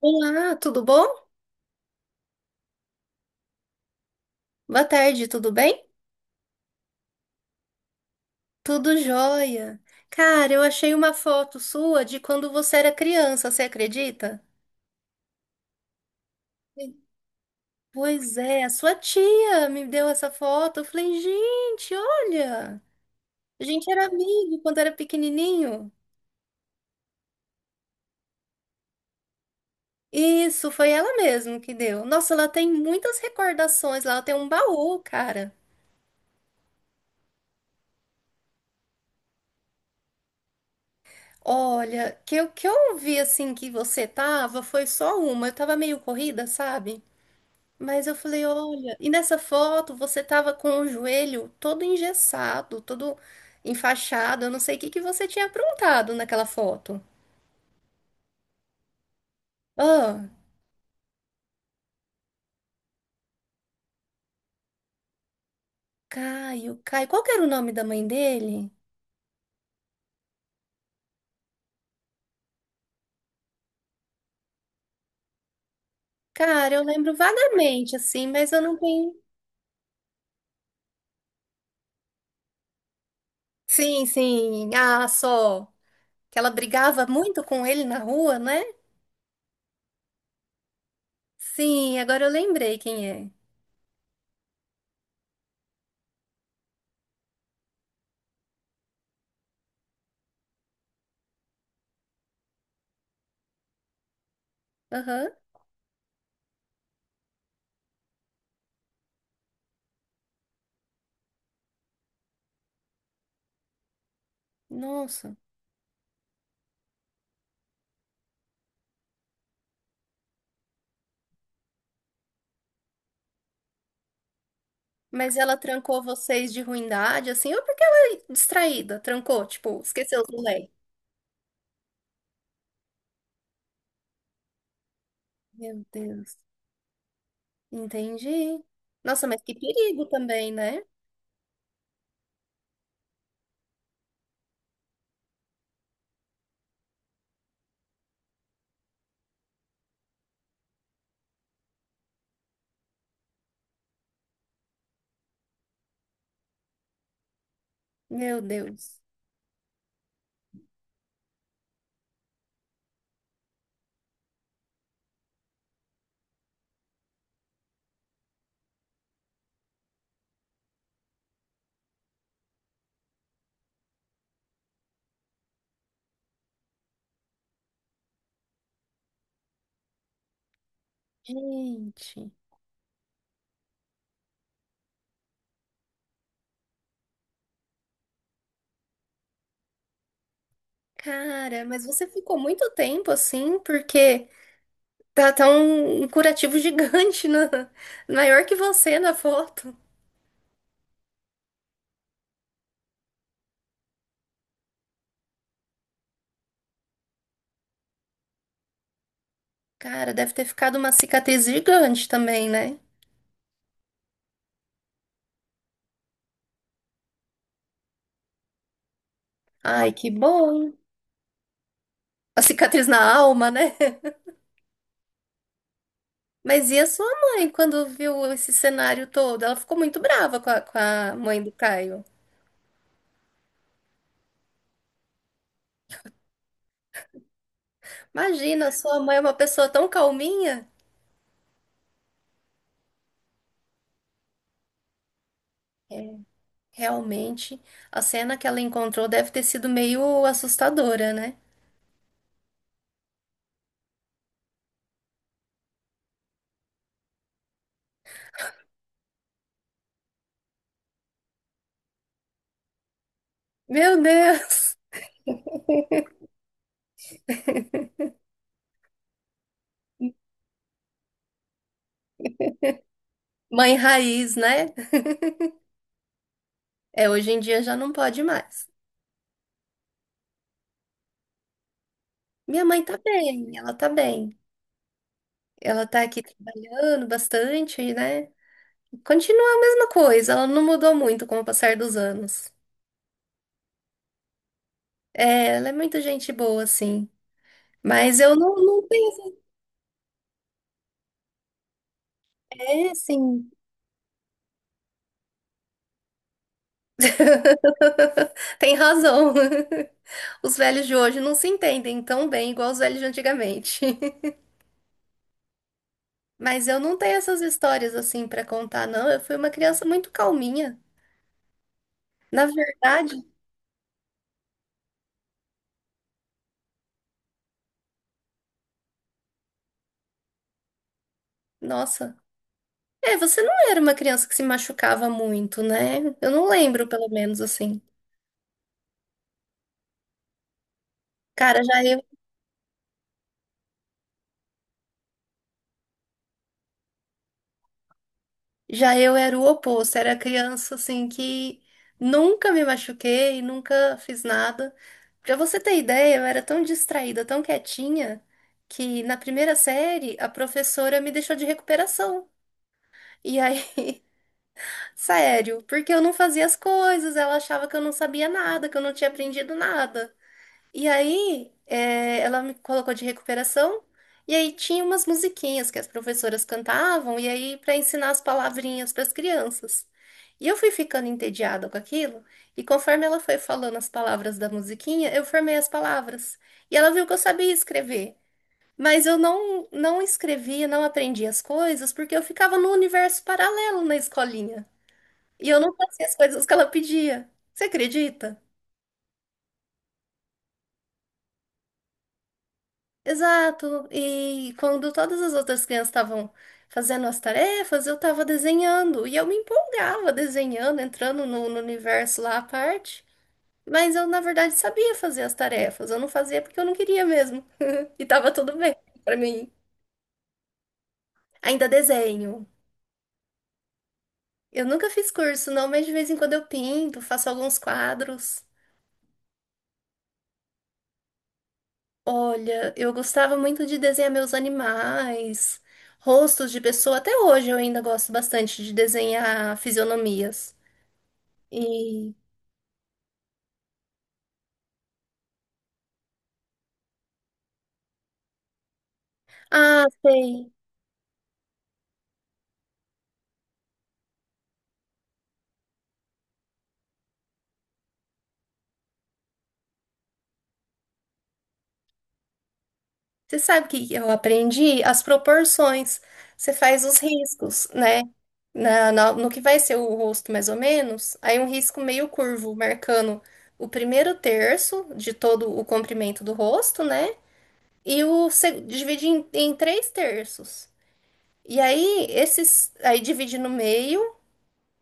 Olá, tudo bom? Boa tarde, tudo bem? Tudo jóia. Cara, eu achei uma foto sua de quando você era criança, você acredita? Pois é, a sua tia me deu essa foto. Eu falei, gente, olha, a gente era amigo quando era pequenininho. Isso, foi ela mesmo que deu. Nossa, ela tem muitas recordações lá, ela tem um baú, cara. Olha, que eu vi assim que você tava foi só uma. Eu tava meio corrida, sabe? Mas eu falei, olha, e nessa foto você tava com o joelho todo engessado, todo enfaixado. Eu não sei o que que você tinha aprontado naquela foto. Ah, Caio, Caio. Qual que era o nome da mãe dele? Cara, eu lembro vagamente, assim, mas eu não tenho. Sim, sim. Ah, só. Que ela brigava muito com ele na rua, né? Sim, agora eu lembrei quem é. Aham. Nossa. Mas ela trancou vocês de ruindade, assim, ou porque ela é distraída, trancou, tipo, esqueceu do lei. Meu Deus, entendi. Nossa, mas que perigo também, né? Meu Deus. Gente, cara, mas você ficou muito tempo assim, porque tá, tá um, um curativo gigante na, maior que você na foto. Cara, deve ter ficado uma cicatriz gigante também, né? Ai, que bom. A cicatriz na alma, né? Mas e a sua mãe quando viu esse cenário todo? Ela ficou muito brava com a mãe do Caio. Imagina, a sua mãe é uma pessoa tão calminha. É, realmente, a cena que ela encontrou deve ter sido meio assustadora, né? Meu Deus! Mãe raiz, né? É, hoje em dia já não pode mais. Minha mãe tá bem, ela tá bem. Ela tá aqui trabalhando bastante, né? Continua a mesma coisa, ela não mudou muito com o passar dos anos. É, ela é muito gente boa, assim. Mas eu não, não tenho. É, sim. Tem razão. Os velhos de hoje não se entendem tão bem igual os velhos de antigamente. Mas eu não tenho essas histórias assim pra contar, não. Eu fui uma criança muito calminha. Na verdade, nossa. É, você não era uma criança que se machucava muito, né? Eu não lembro, pelo menos, assim. Cara, já eu era o oposto. Era criança, assim, que nunca me machuquei, nunca fiz nada. Pra você ter ideia, eu era tão distraída, tão quietinha, que na primeira série a professora me deixou de recuperação. E aí, sério, porque eu não fazia as coisas, ela achava que eu não sabia nada, que eu não tinha aprendido nada. E aí, é, ela me colocou de recuperação. E aí tinha umas musiquinhas que as professoras cantavam, e aí para ensinar as palavrinhas para as crianças. E eu fui ficando entediada com aquilo, e conforme ela foi falando as palavras da musiquinha, eu formei as palavras. E ela viu que eu sabia escrever, mas eu não escrevia, não aprendia as coisas, porque eu ficava num universo paralelo na escolinha. E eu não fazia as coisas que ela pedia. Você acredita? Exato. E quando todas as outras crianças estavam fazendo as tarefas, eu estava desenhando. E eu me empolgava desenhando, entrando no universo lá à parte. Mas eu, na verdade, sabia fazer as tarefas. Eu não fazia porque eu não queria mesmo. E tava tudo bem para mim. Ainda desenho. Eu nunca fiz curso, não, mas de vez em quando eu pinto, faço alguns quadros. Olha, eu gostava muito de desenhar meus animais, rostos de pessoa. Até hoje eu ainda gosto bastante de desenhar fisionomias. E ah, sei. Você sabe o que eu aprendi? As proporções. Você faz os riscos, né? No que vai ser o rosto, mais ou menos. Aí um risco meio curvo, marcando o primeiro terço de todo o comprimento do rosto, né? E o seg- divide em três terços. E aí, esses. Aí divide no meio.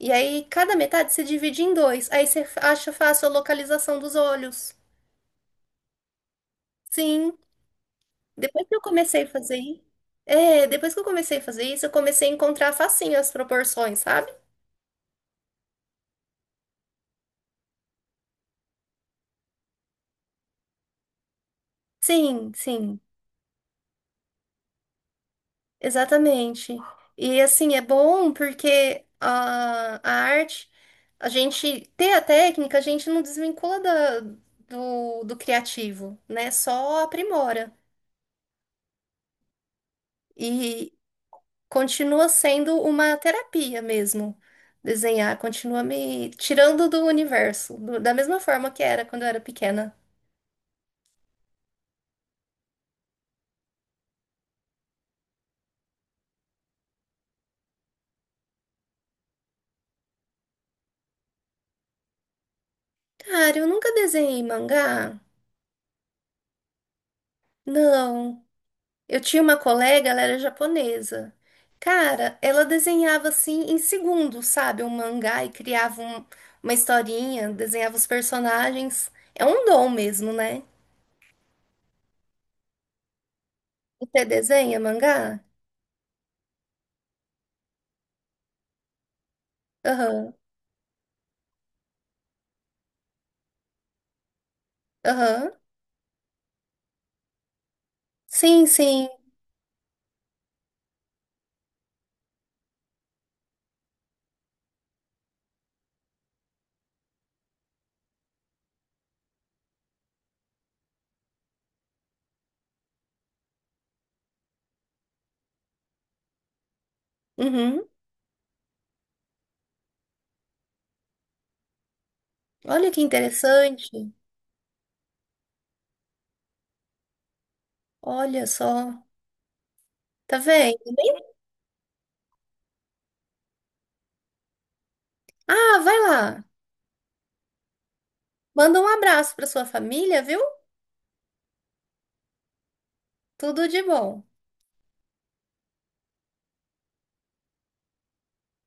E aí, cada metade se divide em dois. Aí você acha fácil a localização dos olhos. Sim. Depois que eu comecei a fazer isso. É, depois que eu comecei a fazer isso, eu comecei a encontrar facinho as proporções, sabe? Sim, sim. Exatamente. E assim, é bom porque a arte, a gente ter a técnica, a gente não desvincula da- do criativo, né? Só aprimora. E, continua sendo uma terapia mesmo. Desenhar continua me tirando do universo, do- da mesma forma que era quando eu era pequena. Cara, eu nunca desenhei mangá. Não. Eu tinha uma colega, ela era japonesa. Cara, ela desenhava assim em segundos, sabe? Um mangá e criava um- uma historinha, desenhava os personagens. É um dom mesmo, né? Você desenha mangá? Aham, aham. Sim, sim. Uhum. Olha que interessante. Olha só. Tá vendo? Nem- Ah, vai lá. Manda um abraço pra sua família, viu? Tudo de bom.